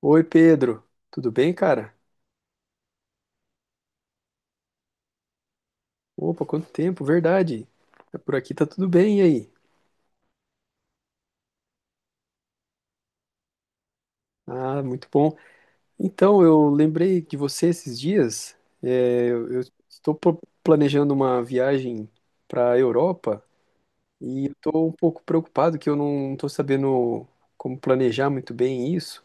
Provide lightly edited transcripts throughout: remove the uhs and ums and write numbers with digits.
Oi, Pedro. Tudo bem, cara? Opa, quanto tempo, verdade. Tá Por aqui tá tudo bem, e aí? Ah, muito bom. Então, eu lembrei de você esses dias. Eu planejando uma viagem para a Europa e estou um pouco preocupado que eu não estou sabendo como planejar muito bem isso.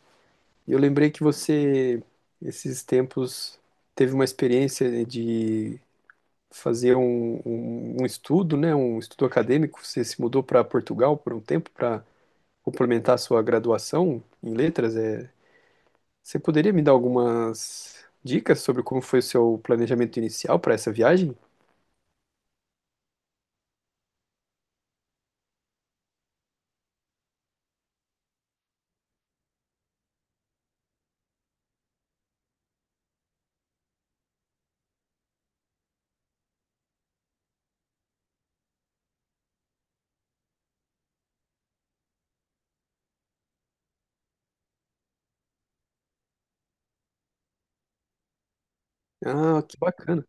E eu lembrei que você, esses tempos, teve uma experiência de fazer um estudo, né, um estudo acadêmico. Você se mudou para Portugal por um tempo para complementar a sua graduação em letras. Você poderia me dar algumas dicas sobre como foi o seu planejamento inicial para essa viagem? Ah, que bacana.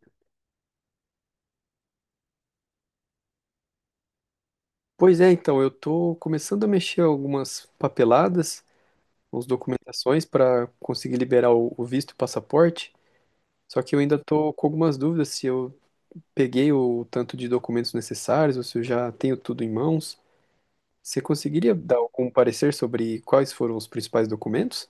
Pois é, então, eu estou começando a mexer algumas papeladas, umas documentações para conseguir liberar o visto e o passaporte. Só que eu ainda estou com algumas dúvidas se eu peguei o tanto de documentos necessários ou se eu já tenho tudo em mãos. Você conseguiria dar algum parecer sobre quais foram os principais documentos?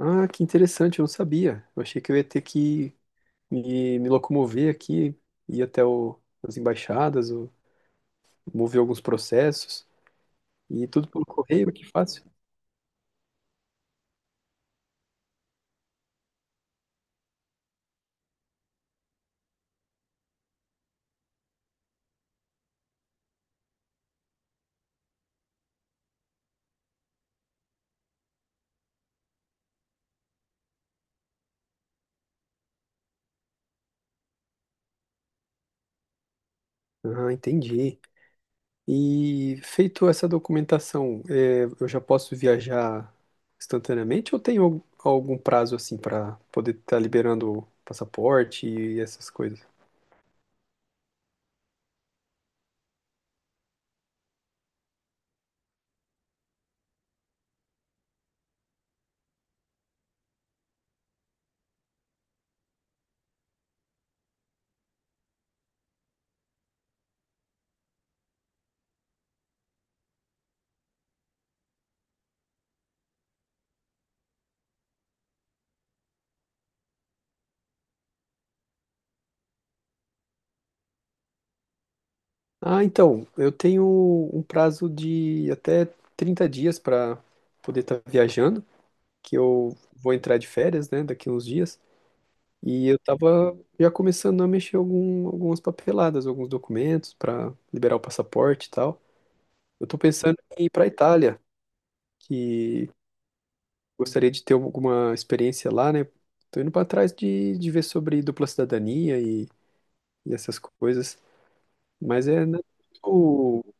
Ah, que interessante, eu não sabia. Eu achei que eu ia ter que me locomover aqui, ir até as embaixadas, mover alguns processos, e tudo pelo correio, que fácil. Ah, entendi. E feito essa documentação, é, eu já posso viajar instantaneamente ou tem algum prazo assim para poder estar liberando o passaporte e essas coisas? Ah, então, eu tenho um prazo de até 30 dias para poder estar viajando, que eu vou entrar de férias, né, daqui uns dias, e eu tava já começando a mexer algumas papeladas, alguns documentos para liberar o passaporte e tal. Eu tô pensando em ir para Itália, que gostaria de ter alguma experiência lá, né? Tô indo para trás de ver sobre dupla cidadania e essas coisas, mas é, né, muito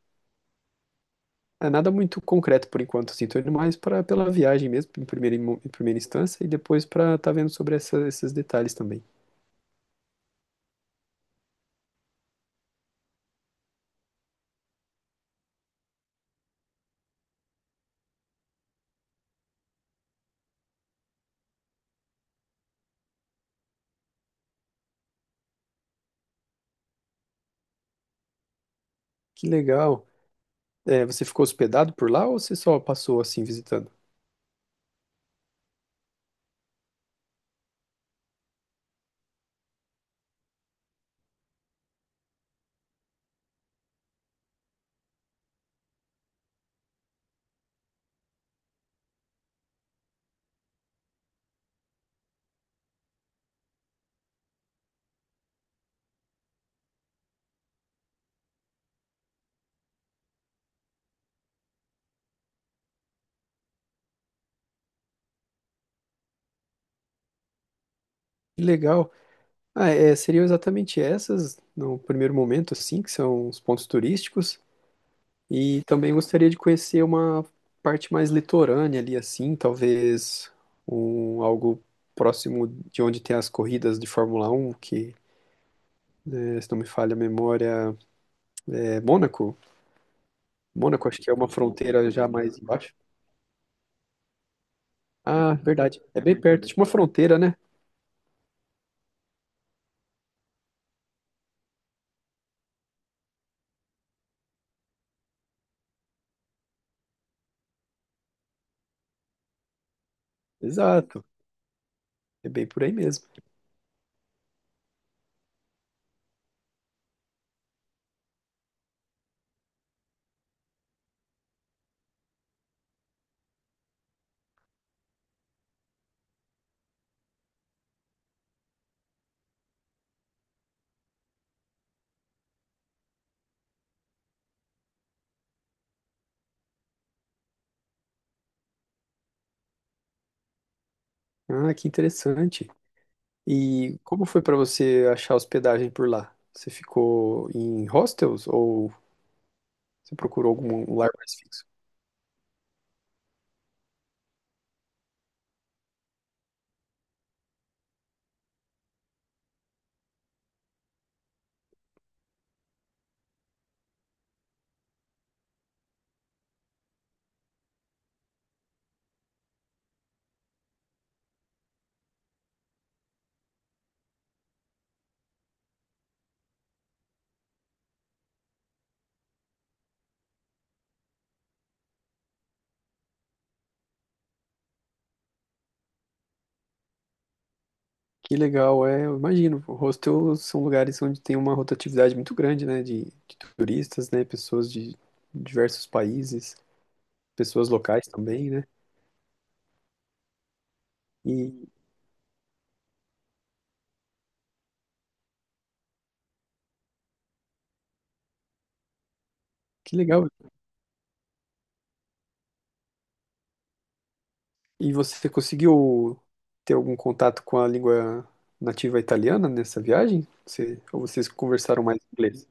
é nada muito concreto por enquanto, assim, tô indo mais para pela viagem mesmo, em primeira instância, e depois para tá vendo sobre esses detalhes também. Que legal. É, você ficou hospedado por lá ou você só passou assim visitando? Que legal. Ah, é, seriam exatamente essas, no primeiro momento, assim, que são os pontos turísticos. E também gostaria de conhecer uma parte mais litorânea ali, assim, talvez algo próximo de onde tem as corridas de Fórmula 1, que, se não me falha a memória, é Mônaco. Mônaco, acho que é uma fronteira já mais embaixo. Ah, verdade. É bem perto de uma fronteira, né? Exato. É bem por aí mesmo. Ah, que interessante. E como foi para você achar hospedagem por lá? Você ficou em hostels ou você procurou algum lugar mais fixo? Que legal, é, eu imagino. Hostels são lugares onde tem uma rotatividade muito grande, né, de turistas, né, pessoas de diversos países, pessoas locais também, né? E que legal. E você conseguiu ter algum contato com a língua nativa italiana nessa viagem? Você, ou vocês conversaram mais inglês?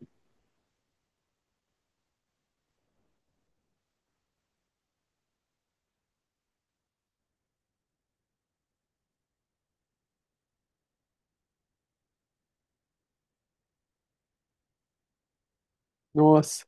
Nossa,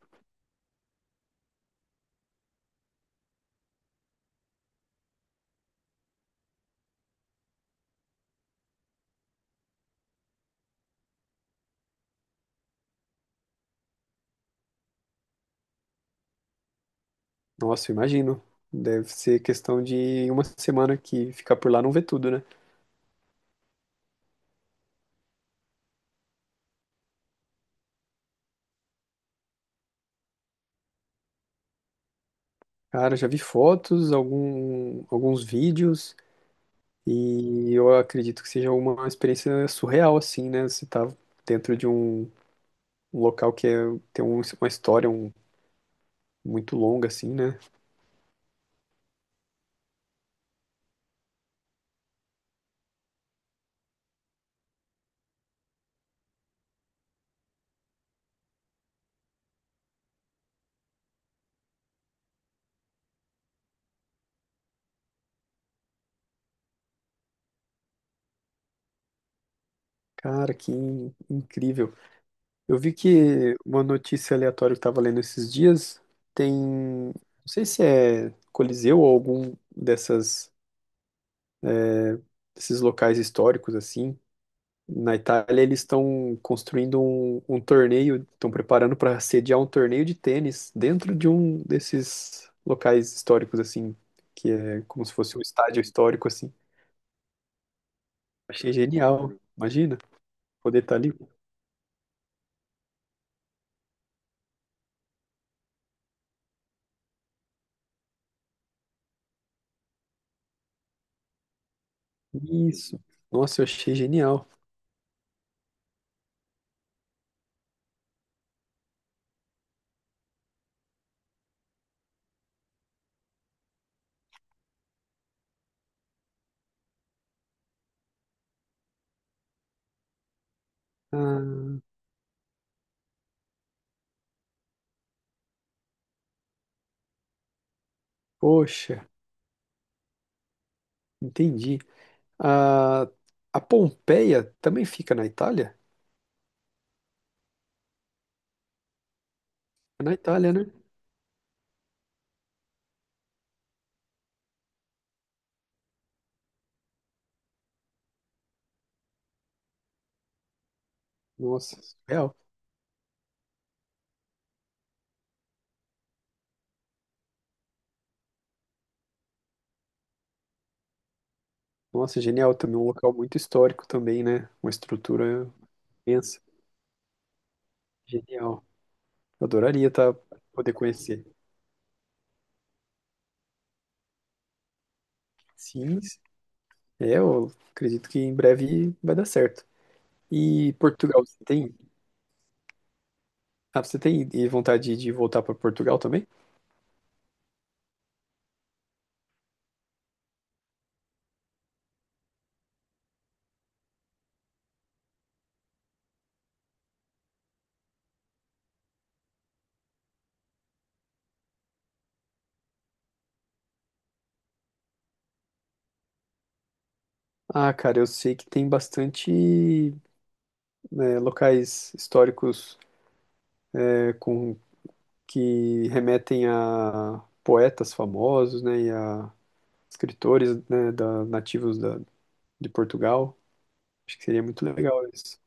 nossa, eu imagino. Deve ser questão de uma semana que ficar por lá não vê tudo, né? Cara, já vi fotos, alguns vídeos. E eu acredito que seja uma experiência surreal, assim, né? Você tá dentro de um local tem uma história muito longa, assim, né? Cara, que incrível. Eu vi que uma notícia aleatória que eu tava lendo esses dias tem, não sei se é Coliseu ou algum dessas, desses locais históricos, assim, na Itália. Eles estão construindo um torneio, estão preparando para sediar um torneio de tênis dentro de um desses locais históricos, assim, que é como se fosse um estádio histórico, assim. Achei genial, imagina, poder estar ali. Isso, nossa, eu achei genial. Ah, poxa, entendi. A, a Pompeia também fica na Itália? É na Itália, né? Nossa, real. Nossa, genial também, um local muito histórico também, né? Uma estrutura imensa. Genial. Eu adoraria tá, poder conhecer. Sim, é, eu acredito que em breve vai dar certo. E Portugal, você tem? Ah, você tem vontade de voltar para Portugal também? Ah, cara, eu sei que tem bastante, né, locais históricos, é, com que remetem a poetas famosos, né, e a escritores, né, da, nativos da, de Portugal. Acho que seria muito legal isso.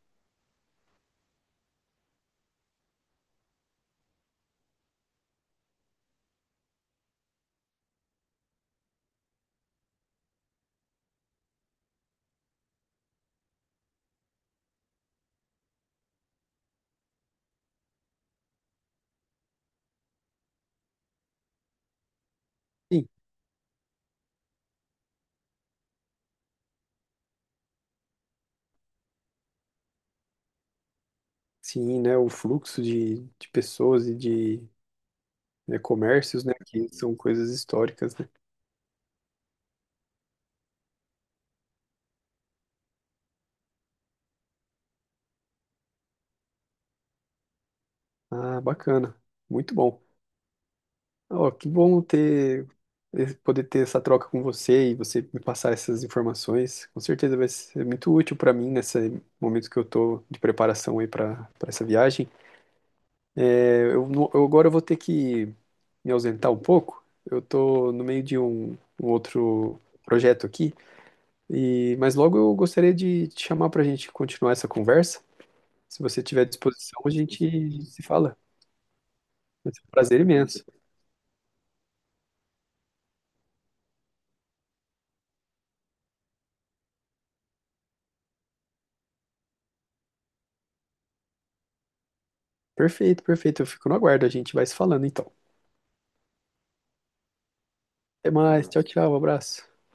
Sim, sim, né, o fluxo de pessoas e de, né, comércios, né, que são coisas históricas, né? Ah, bacana, muito bom. Ó, que bom ter, poder ter essa troca com você e você me passar essas informações. Com certeza vai ser muito útil para mim nesse momento que eu tô de preparação aí para para essa viagem. É, eu eu agora vou ter que me ausentar um pouco. Eu tô no meio de um outro projeto aqui e mas logo eu gostaria de te chamar para a gente continuar essa conversa. Se você tiver disposição, a gente se fala. Vai ser um prazer imenso. Perfeito, perfeito. Eu fico no aguardo. A gente vai se falando então. Até mais. Tchau, tchau. Um abraço.